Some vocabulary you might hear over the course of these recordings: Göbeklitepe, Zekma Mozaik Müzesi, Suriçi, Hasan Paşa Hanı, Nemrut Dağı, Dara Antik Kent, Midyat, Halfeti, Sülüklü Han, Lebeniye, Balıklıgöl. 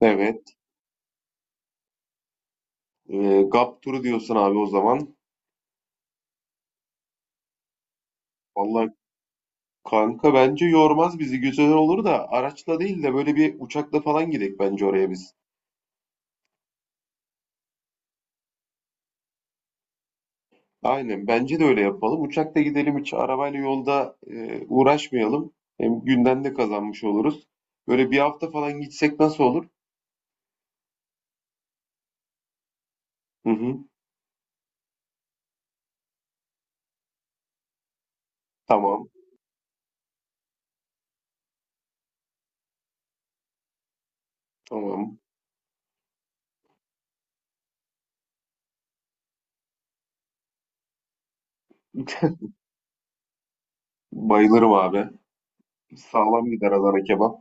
Evet. GAP turu diyorsun abi o zaman. Vallahi kanka bence yormaz bizi. Güzel olur da araçla değil de böyle bir uçakla falan gidelim bence oraya biz. Aynen bence de öyle yapalım. Uçakla gidelim hiç arabayla yolda uğraşmayalım. Hem günden de kazanmış oluruz. Böyle bir hafta falan gitsek nasıl olur? Hı hı. Tamam. Tamam. Bayılırım abi. Sağlam gider Adana kebap.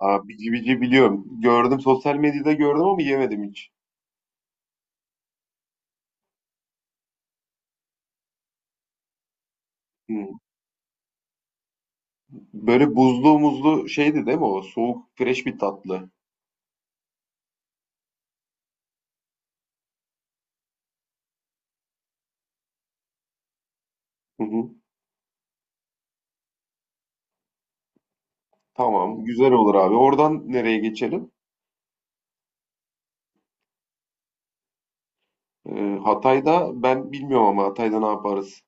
Abi bici bici biliyorum. Gördüm sosyal medyada gördüm ama yemedim hiç. Hı. Böyle buzlu muzlu şeydi değil mi o? Soğuk, fresh bir tatlı. Hı hı. Tamam, güzel olur abi. Oradan nereye geçelim? Hatay'da ben bilmiyorum ama Hatay'da ne yaparız?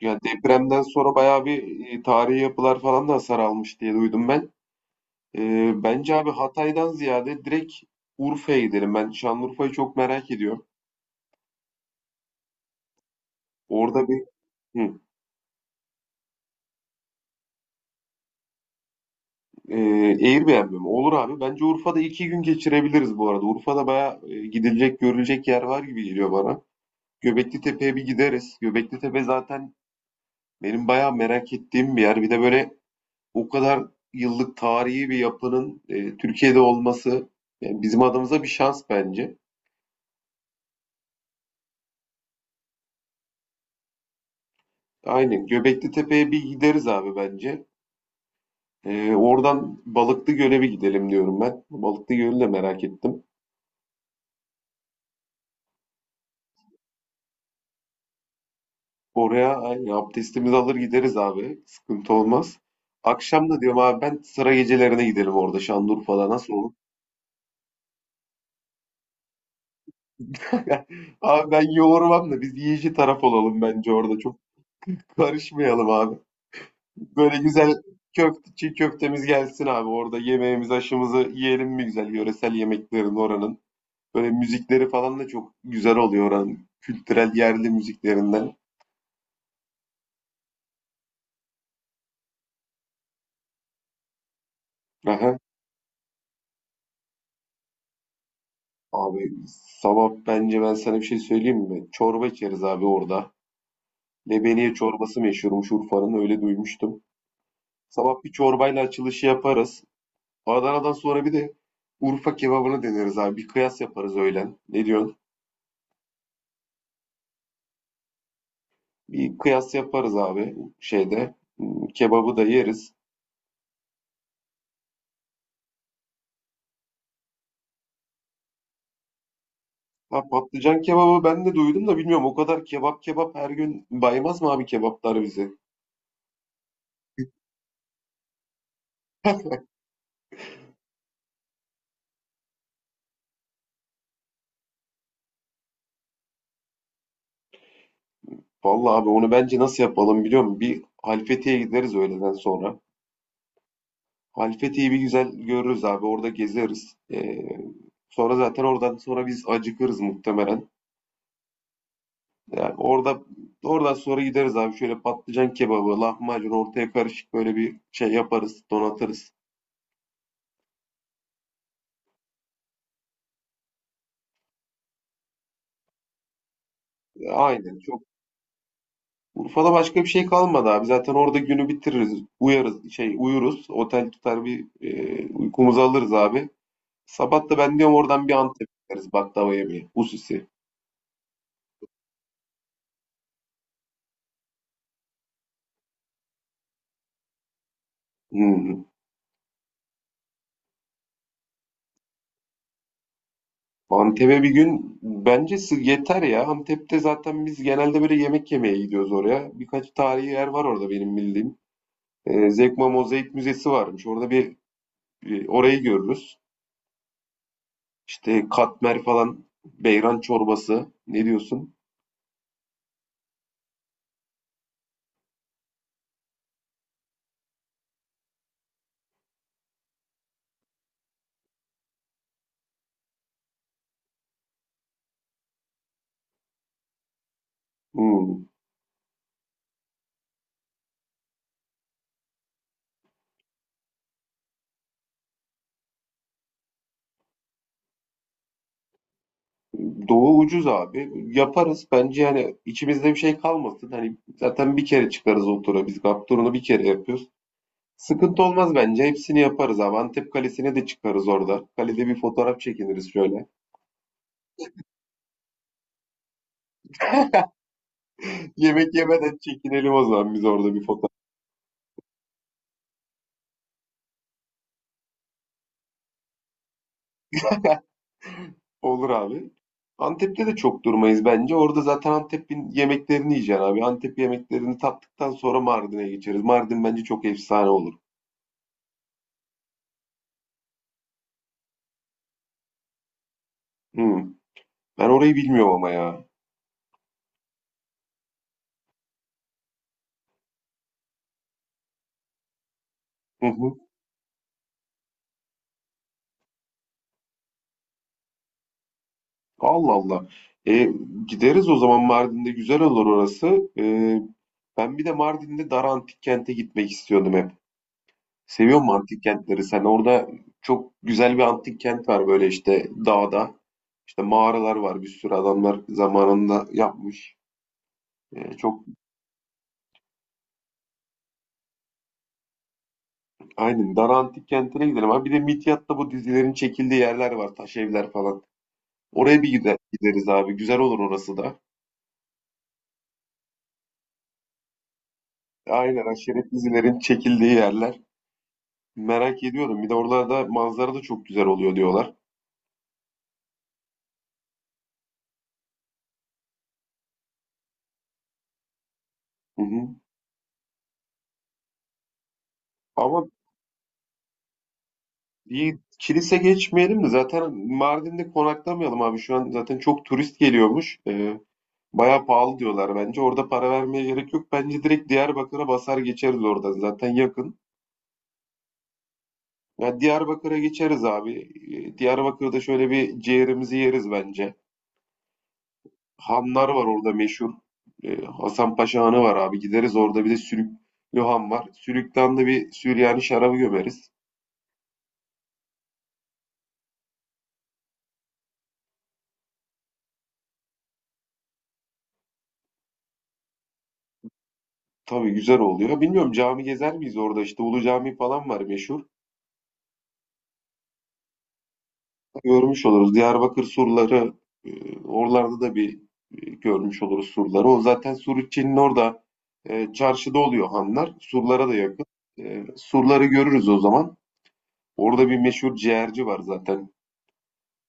Ya depremden sonra bayağı bir tarihi yapılar falan da hasar almış diye duydum ben. Bence abi Hatay'dan ziyade direkt Urfa'ya gidelim. Ben Şanlıurfa'yı çok merak ediyorum. Orada bir hı, e, Airbnb mi? Olur abi. Bence Urfa'da iki gün geçirebiliriz bu arada. Urfa'da bayağı gidilecek, görülecek yer var gibi geliyor bana. Göbeklitepe'ye bir gideriz. Göbeklitepe zaten benim bayağı merak ettiğim bir yer. Bir de böyle o kadar yıllık tarihi bir yapının Türkiye'de olması yani bizim adımıza bir şans bence. Aynen Göbeklitepe'ye bir gideriz abi bence. Oradan Balıklıgöl'e bir gidelim diyorum ben. Balıklıgöl'ü de merak ettim. Oraya aynen, abdestimizi alır gideriz abi. Sıkıntı olmaz. Akşam da diyorum abi ben sıra gecelerine gidelim orada Şanlıurfa'da nasıl olur? Abi ben yoğurmam da biz yiyici taraf olalım bence orada. Çok karışmayalım abi. Böyle güzel köfte, çiğ köftemiz gelsin abi orada. Yemeğimizi, aşımızı yiyelim mi güzel yöresel yemeklerin oranın. Böyle müzikleri falan da çok güzel oluyor oranın. Kültürel yerli müziklerinden. Aha. Abi sabah bence ben sana bir şey söyleyeyim mi? Çorba içeriz abi orada. Lebeniye çorbası meşhurmuş Urfa'nın öyle duymuştum. Sabah bir çorbayla açılışı yaparız. Adana'dan sonra bir de Urfa kebabını deneriz abi. Bir kıyas yaparız öğlen. Ne diyorsun? Bir kıyas yaparız abi şeyde. Kebabı da yeriz. Ha patlıcan kebabı ben de duydum da bilmiyorum. O kadar kebap kebap her gün baymaz mı abi kebaplar bizi? Vallahi abi onu bence nasıl yapalım biliyor musun? Bir Halfeti'ye gideriz öğleden sonra. Halfeti'yi bir güzel görürüz abi. Orada gezeriz. Sonra zaten oradan sonra biz acıkırız muhtemelen. Yani orada oradan sonra gideriz abi. Şöyle patlıcan kebabı, lahmacun ortaya karışık böyle bir şey yaparız, donatırız. Aynen. Çok Urfa'da başka bir şey kalmadı abi. Zaten orada günü bitiririz. Uyarız, şey uyuruz. Otel tutar bir uykumuzu alırız abi. Sabah da ben diyorum oradan bir Antep'e gideriz baklava yemeye. Hususi. Hmm. Antep'e bir gün bence yeter ya. Antep'te zaten biz genelde böyle yemek yemeye gidiyoruz oraya. Birkaç tarihi yer var orada benim bildiğim. Zekma Mozaik Müzesi varmış. Orada bir orayı görürüz. İşte katmer falan, beyran çorbası. Ne diyorsun? Hmm. Doğu ucuz abi. Yaparız. Bence yani içimizde bir şey kalmasın. Hani zaten bir kere çıkarız o tura. Biz GAP turunu bir kere yapıyoruz. Sıkıntı olmaz bence. Hepsini yaparız abi. Antep Kalesi'ne de çıkarız orada. Kalede bir fotoğraf çekiniriz şöyle. Yemek yemeden çekinelim o zaman biz orada bir fotoğraf. Olur abi. Antep'te de çok durmayız bence. Orada zaten Antep'in yemeklerini yiyeceksin abi. Antep yemeklerini tattıktan sonra Mardin'e geçeriz. Mardin bence çok efsane olur. Hı. Ben orayı bilmiyorum ama ya. Hı hı. Allah Allah. E, gideriz o zaman Mardin'de güzel olur orası. Ben bir de Mardin'de Dara Antik Kent'e gitmek istiyordum hep. Seviyor musun antik kentleri sen? Orada çok güzel bir antik kent var böyle işte dağda. İşte mağaralar var. Bir sürü adamlar zamanında yapmış. E, çok Aynen. Dara Antik Kenti'ne gidelim abi. Bir de Midyat'ta bu dizilerin çekildiği yerler var. Taş evler falan. Oraya bir gideriz abi. Güzel olur orası da. Aynen aşiret dizilerin çekildiği yerler. Merak ediyordum. Bir de oralarda manzara da çok güzel oluyor diyorlar. Hı hı. Ama bir kilise geçmeyelim de zaten Mardin'de konaklamayalım abi. Şu an zaten çok turist geliyormuş. Bayağı pahalı diyorlar bence. Orada para vermeye gerek yok. Bence direkt Diyarbakır'a basar geçeriz oradan. Zaten yakın. Ya Diyarbakır'a geçeriz abi. Diyarbakır'da şöyle bir ciğerimizi yeriz bence. Hanlar var orada meşhur. Hasan Paşa Hanı var abi. Gideriz orada bir de Sülüklü Han var. Sülük'ten de bir Süryani şarabı gömeriz. Tabii güzel oluyor. Bilmiyorum cami gezer miyiz orada? İşte Ulu Cami falan var meşhur. Görmüş oluruz. Diyarbakır surları oralarda da bir görmüş oluruz surları. O zaten Suriçi'nin orada çarşıda oluyor hanlar. Surlara da yakın. Surları görürüz o zaman. Orada bir meşhur ciğerci var zaten.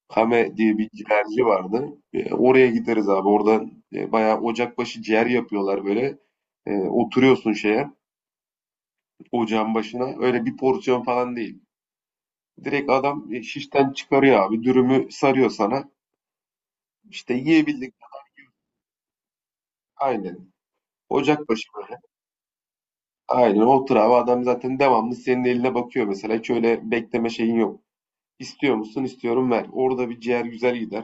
Kame diye bir ciğerci vardı. Oraya gideriz abi. Orada bayağı ocakbaşı ciğer yapıyorlar böyle. Oturuyorsun şeye, ocağın başına. Öyle bir porsiyon falan değil. Direkt adam şişten çıkarıyor abi. Dürümü sarıyor sana. İşte yiyebildik. Aynen. Ocakbaşı. Aynen. Otur abi. Adam zaten devamlı senin eline bakıyor mesela. Hiç öyle bekleme şeyin yok. İstiyor musun? İstiyorum ver. Orada bir ciğer güzel gider.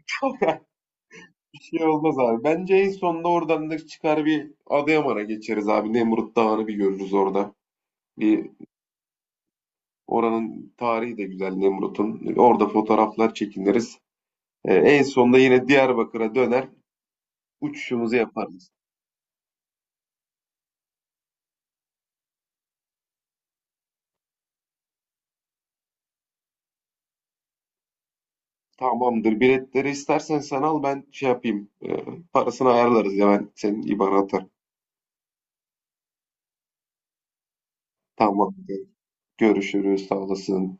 Bir şey olmaz abi. Bence en sonunda oradan da çıkar bir Adıyaman'a geçeriz abi. Nemrut Dağı'nı bir görürüz orada. Bir oranın tarihi de güzel Nemrut'un. Orada fotoğraflar çekiniriz. En sonunda yine Diyarbakır'a döner. Uçuşumuzu yaparız. Tamamdır. Biletleri istersen sen al ben şey yapayım. Parasını ayarlarız ya ben senin IBAN'a atarım. Tamamdır. Görüşürüz. Sağ olasın.